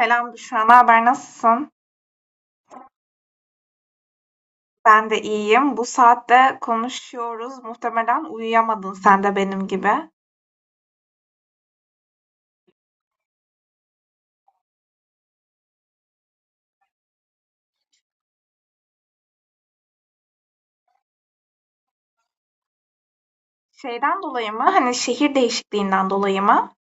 Selam Büşra, ne haber, nasılsın? Ben de iyiyim. Bu saatte konuşuyoruz. Muhtemelen uyuyamadın sen de benim gibi. Şeyden dolayı mı? Hani şehir değişikliğinden dolayı mı?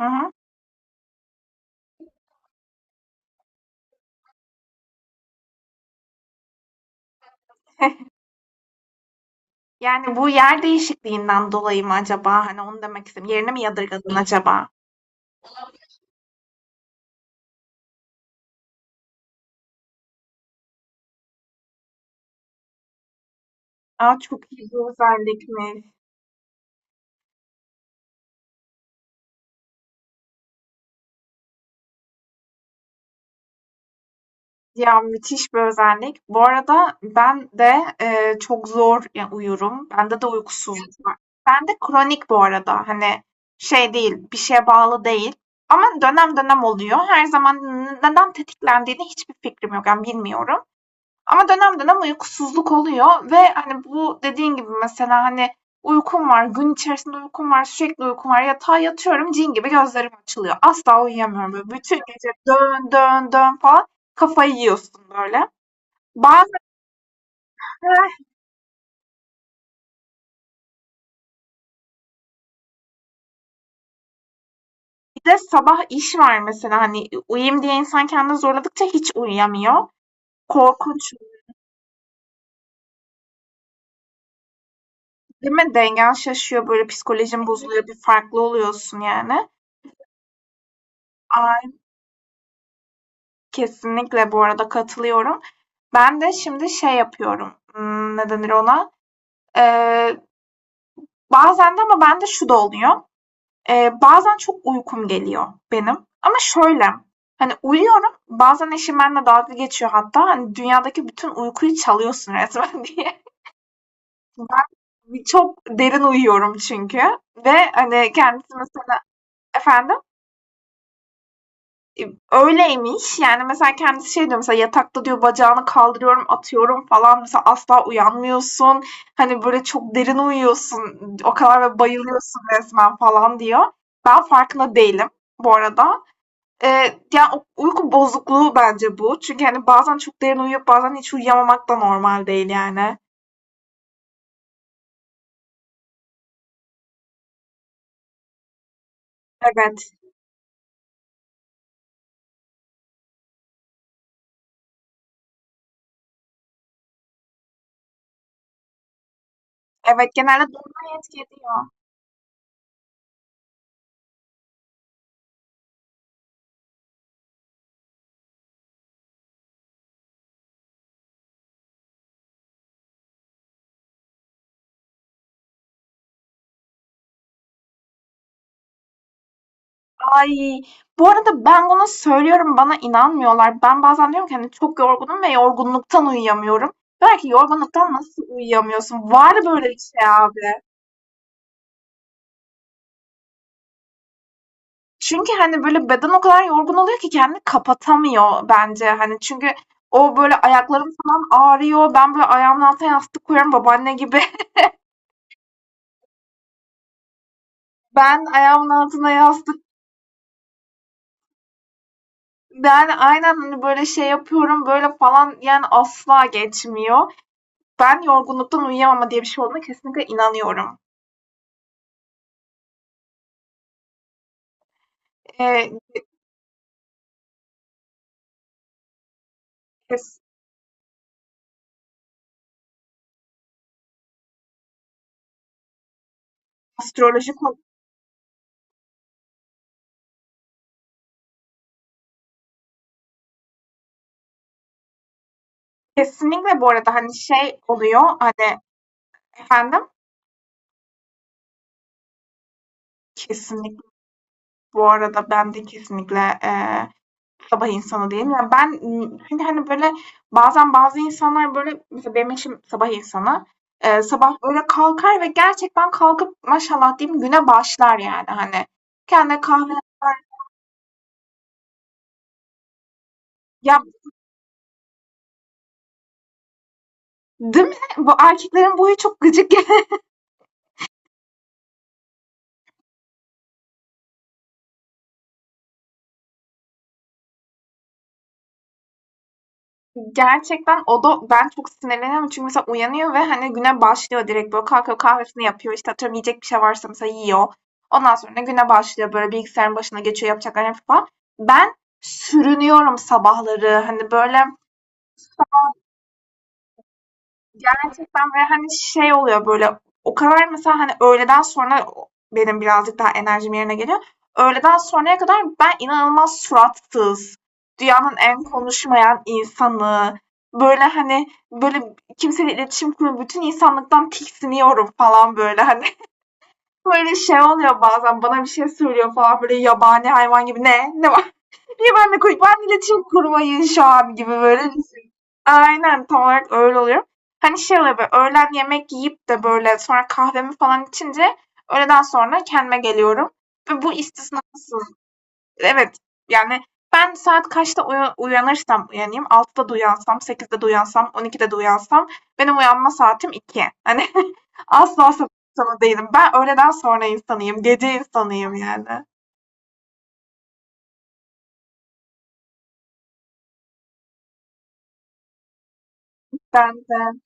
Hı hı. Yani bu yer değişikliğinden dolayı mı acaba? Hani onu demek istedim. Yerini mi yadırgadın acaba? Aa, çok iyi bir özellikmiş. Ya müthiş bir özellik. Bu arada ben de çok zor ya, uyurum. Bende de uykusuzluk var. Ben de kronik bu arada. Hani şey değil, bir şeye bağlı değil. Ama dönem dönem oluyor. Her zaman neden tetiklendiğini hiçbir fikrim yok. Yani bilmiyorum. Ama dönem dönem uykusuzluk oluyor ve hani bu dediğin gibi mesela hani uykum var, gün içerisinde uykum var, sürekli uykum var. Yatağa yatıyorum, cin gibi gözlerim açılıyor. Asla uyuyamıyorum böyle. Bütün gece dön dön dön falan kafayı yiyorsun böyle. Bazen de bir de sabah iş var mesela hani uyuyayım diye insan kendini zorladıkça hiç uyuyamıyor. Korkunç değil mi? Dengen şaşıyor, böyle psikolojin bozuluyor, bir farklı oluyorsun yani. Ay, kesinlikle bu arada katılıyorum. Ben de şimdi şey yapıyorum, ne denir ona? Eee, bazen de ama bende şu da oluyor, bazen çok uykum geliyor benim, ama şöyle, hani, uyuyorum, bazen eşim benimle dalga geçiyor hatta, hani, "Dünyadaki bütün uykuyu çalıyorsun resmen." diye. Ben çok derin uyuyorum çünkü, ve, hani, kendisi mesela. Efendim? Öyleymiş. Yani mesela kendisi şey diyor, mesela yatakta diyor bacağını kaldırıyorum, atıyorum falan. Mesela asla uyanmıyorsun. Hani böyle çok derin uyuyorsun. O kadar ve bayılıyorsun resmen falan diyor. Ben farkında değilim bu arada. Yani o uyku bozukluğu bence bu. Çünkü hani bazen çok derin uyuyup bazen hiç uyuyamamak da normal değil yani. Evet. Evet, genelde durumdan etki ediyor. Ay, bu arada ben bunu söylüyorum, bana inanmıyorlar. Ben bazen diyorum ki hani çok yorgunum ve yorgunluktan uyuyamıyorum. Diyorlar ki yorgunluktan nasıl uyuyamıyorsun? Var böyle bir şey abi. Çünkü hani böyle beden o kadar yorgun oluyor ki kendini kapatamıyor bence. Hani çünkü o böyle ayaklarım falan ağrıyor. Ben böyle ayağımın altına yastık koyuyorum babaanne gibi. Ben ayağımın altına yastık Yani aynen, hani böyle şey yapıyorum, böyle falan yani asla geçmiyor. Ben yorgunluktan uyuyamama diye bir şey olduğuna kesinlikle inanıyorum. Eee, kes astroloji ko Kesinlikle bu arada, hani, şey oluyor, hani. Efendim? Kesinlikle bu arada ben de kesinlikle, sabah insanı değilim. Yani ben, çünkü, hani, böyle bazen bazı insanlar, böyle, mesela benim eşim sabah insanı. Sabah böyle kalkar ve gerçekten kalkıp maşallah diyeyim güne başlar yani, hani. Kendine kahve yapar. Ya, değil mi? Bu erkeklerin bu huyu çok gıcık. Gerçekten, o da ben çok sinirleniyorum çünkü mesela uyanıyor ve hani güne başlıyor, direkt böyle kalkıyor, kahvesini yapıyor, işte atıyorum yiyecek bir şey varsa mesela yiyor. Ondan sonra güne başlıyor, böyle bilgisayarın başına geçiyor yapacak falan. Ben sürünüyorum sabahları, hani böyle. Gerçekten, ve hani şey oluyor böyle, o kadar mesela, hani, öğleden sonra o benim birazcık daha enerjim yerine geliyor. Öğleden sonraya kadar ben inanılmaz suratsız, dünyanın en konuşmayan insanı, böyle, hani, böyle kimseyle iletişim kurma, bütün insanlıktan tiksiniyorum falan böyle, hani. Böyle şey oluyor bazen, bana bir şey söylüyor falan böyle yabani hayvan gibi. "Ne? Ne var?" Niye benimle konuş? Ben iletişim kurmayın şu an gibi böyle düşün. Aynen, tam olarak öyle oluyor. Hani şey oluyor böyle, öğlen yemek yiyip de böyle sonra kahvemi falan içince öğleden sonra kendime geliyorum. Ve bu istisnasız. Evet yani ben saat kaçta uyanırsam uyanayım. 6'da da uyansam, 8'de de uyansam, 12'de de uyansam, benim uyanma saatim iki. Hani asla sapık insanı değilim. Ben öğleden sonra insanıyım. Gece insanıyım yani. Ben de.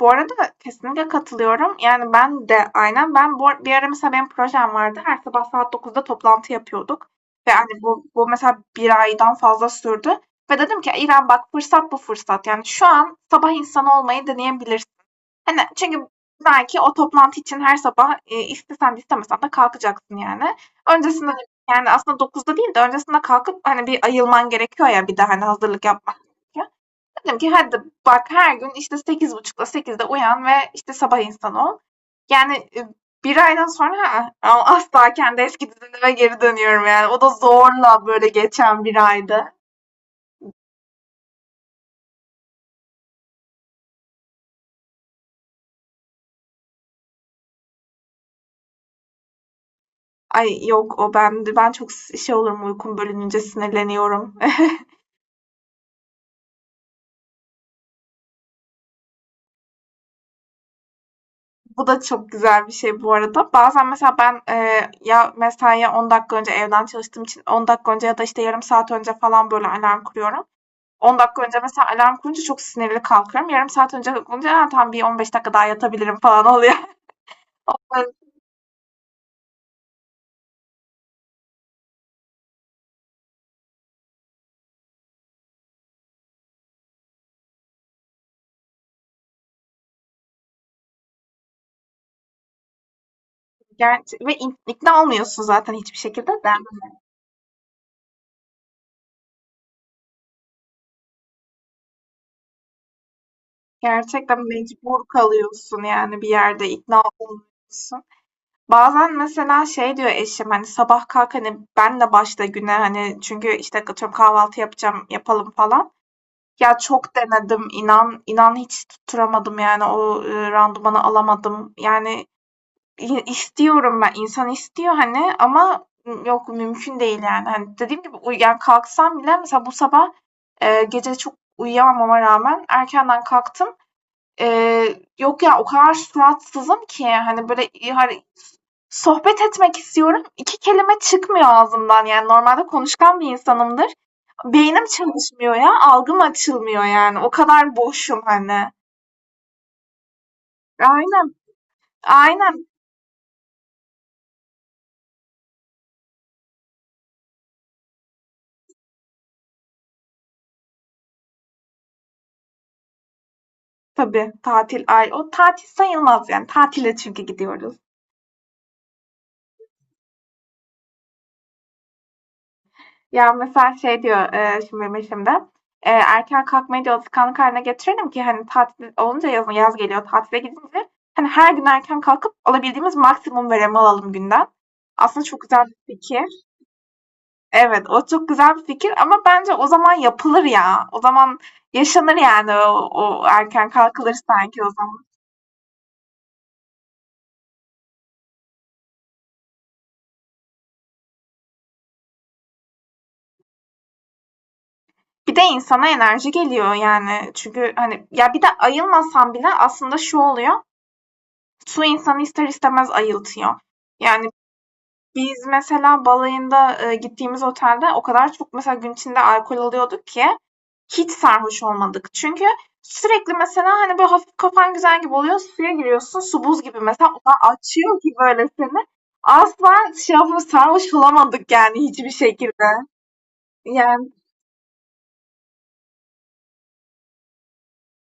Bu arada kesinlikle katılıyorum. Yani ben de aynen, ben bu bir ara mesela benim projem vardı. Her sabah saat 9'da toplantı yapıyorduk. Ve hani bu mesela bir aydan fazla sürdü. Ve dedim ki İrem bak, fırsat bu fırsat. Yani şu an sabah insanı olmayı deneyebilirsin. Hani çünkü belki o toplantı için her sabah istesen de istemesen de kalkacaksın yani. Öncesinde, yani aslında 9'da değil de öncesinde kalkıp hani bir ayılman gerekiyor ya, bir de hani hazırlık yapmak gerekiyor. Dedim ki hadi bak, her gün işte 8.30'da, 8'de uyan ve işte sabah insanı ol. Yani bir aydan sonra, "Ha, ama asla kendi eski düzenime geri dönüyorum yani. O da zorla böyle geçen bir aydı. Ay yok o ben çok şey olurum, uykum bölününce sinirleniyorum. Bu da çok güzel bir şey bu arada. Bazen mesela ben ya mesaiye 10 dakika önce evden çalıştığım için 10 dakika önce ya da işte yarım saat önce falan böyle alarm kuruyorum. 10 dakika önce mesela alarm kurunca çok sinirli kalkıyorum. Yarım saat önce kalkınca, "Ha, tam bir 15 dakika daha yatabilirim falan oluyor. Gerçi, ve ikna olmuyorsun zaten hiçbir şekilde de. Gerçekten mecbur kalıyorsun yani, bir yerde ikna olmuyorsun. Bazen mesela şey diyor eşim, hani sabah kalk, hani ben de başla güne, hani çünkü işte atıyorum kahvaltı yapacağım yapalım falan. Ya çok denedim, inan inan hiç tutturamadım yani o randımanı alamadım. Yani istiyorum ben, insan istiyor hani, ama yok, mümkün değil yani. Hani dediğim gibi yani kalksam bile mesela bu sabah, gece çok uyuyamamama rağmen erkenden kalktım. Yok ya, o kadar suratsızım ki hani böyle, hani sohbet etmek istiyorum, 2 kelime çıkmıyor ağzımdan, yani normalde konuşkan bir insanımdır. Beynim çalışmıyor ya, algım açılmıyor, yani o kadar boşum hani. Aynen, aynen. Tabii tatil, ay o tatil sayılmaz yani, tatile çünkü gidiyoruz. Ya mesela şey diyor şimdi benim eşim de erken kalkmayı diyor alışkanlık haline getirelim ki hani tatil olunca, yazın yaz geliyor tatile gidince, hani her gün erken kalkıp alabildiğimiz maksimum verimi alalım günden. Aslında çok güzel bir fikir. Evet, o çok güzel bir fikir ama bence o zaman yapılır ya. O zaman yaşanır yani, o erken kalkılır sanki o zaman. Bir de insana enerji geliyor yani. Çünkü hani ya bir de ayılmasan bile aslında şu oluyor. Su insanı ister istemez ayıltıyor. Yani biz mesela balayında gittiğimiz otelde o kadar çok mesela gün içinde alkol alıyorduk ki hiç sarhoş olmadık. Çünkü sürekli mesela hani böyle hafif kafan güzel gibi oluyor. Suya giriyorsun. Su buz gibi, mesela ona açıyor ki böyle seni. Asla şey yapıp sarhoş olamadık yani, hiçbir şekilde. Yani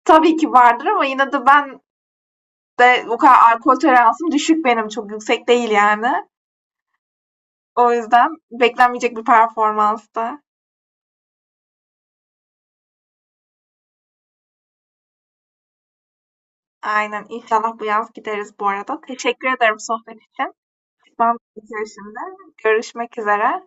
tabii ki vardır ama yine de ben de o kadar alkol toleransım düşük benim. Çok yüksek değil yani. O yüzden beklenmeyecek bir performanstı. Aynen. İnşallah bu yaz gideriz bu arada. Teşekkür ederim sohbet için. Ben şimdi. Görüşmek üzere.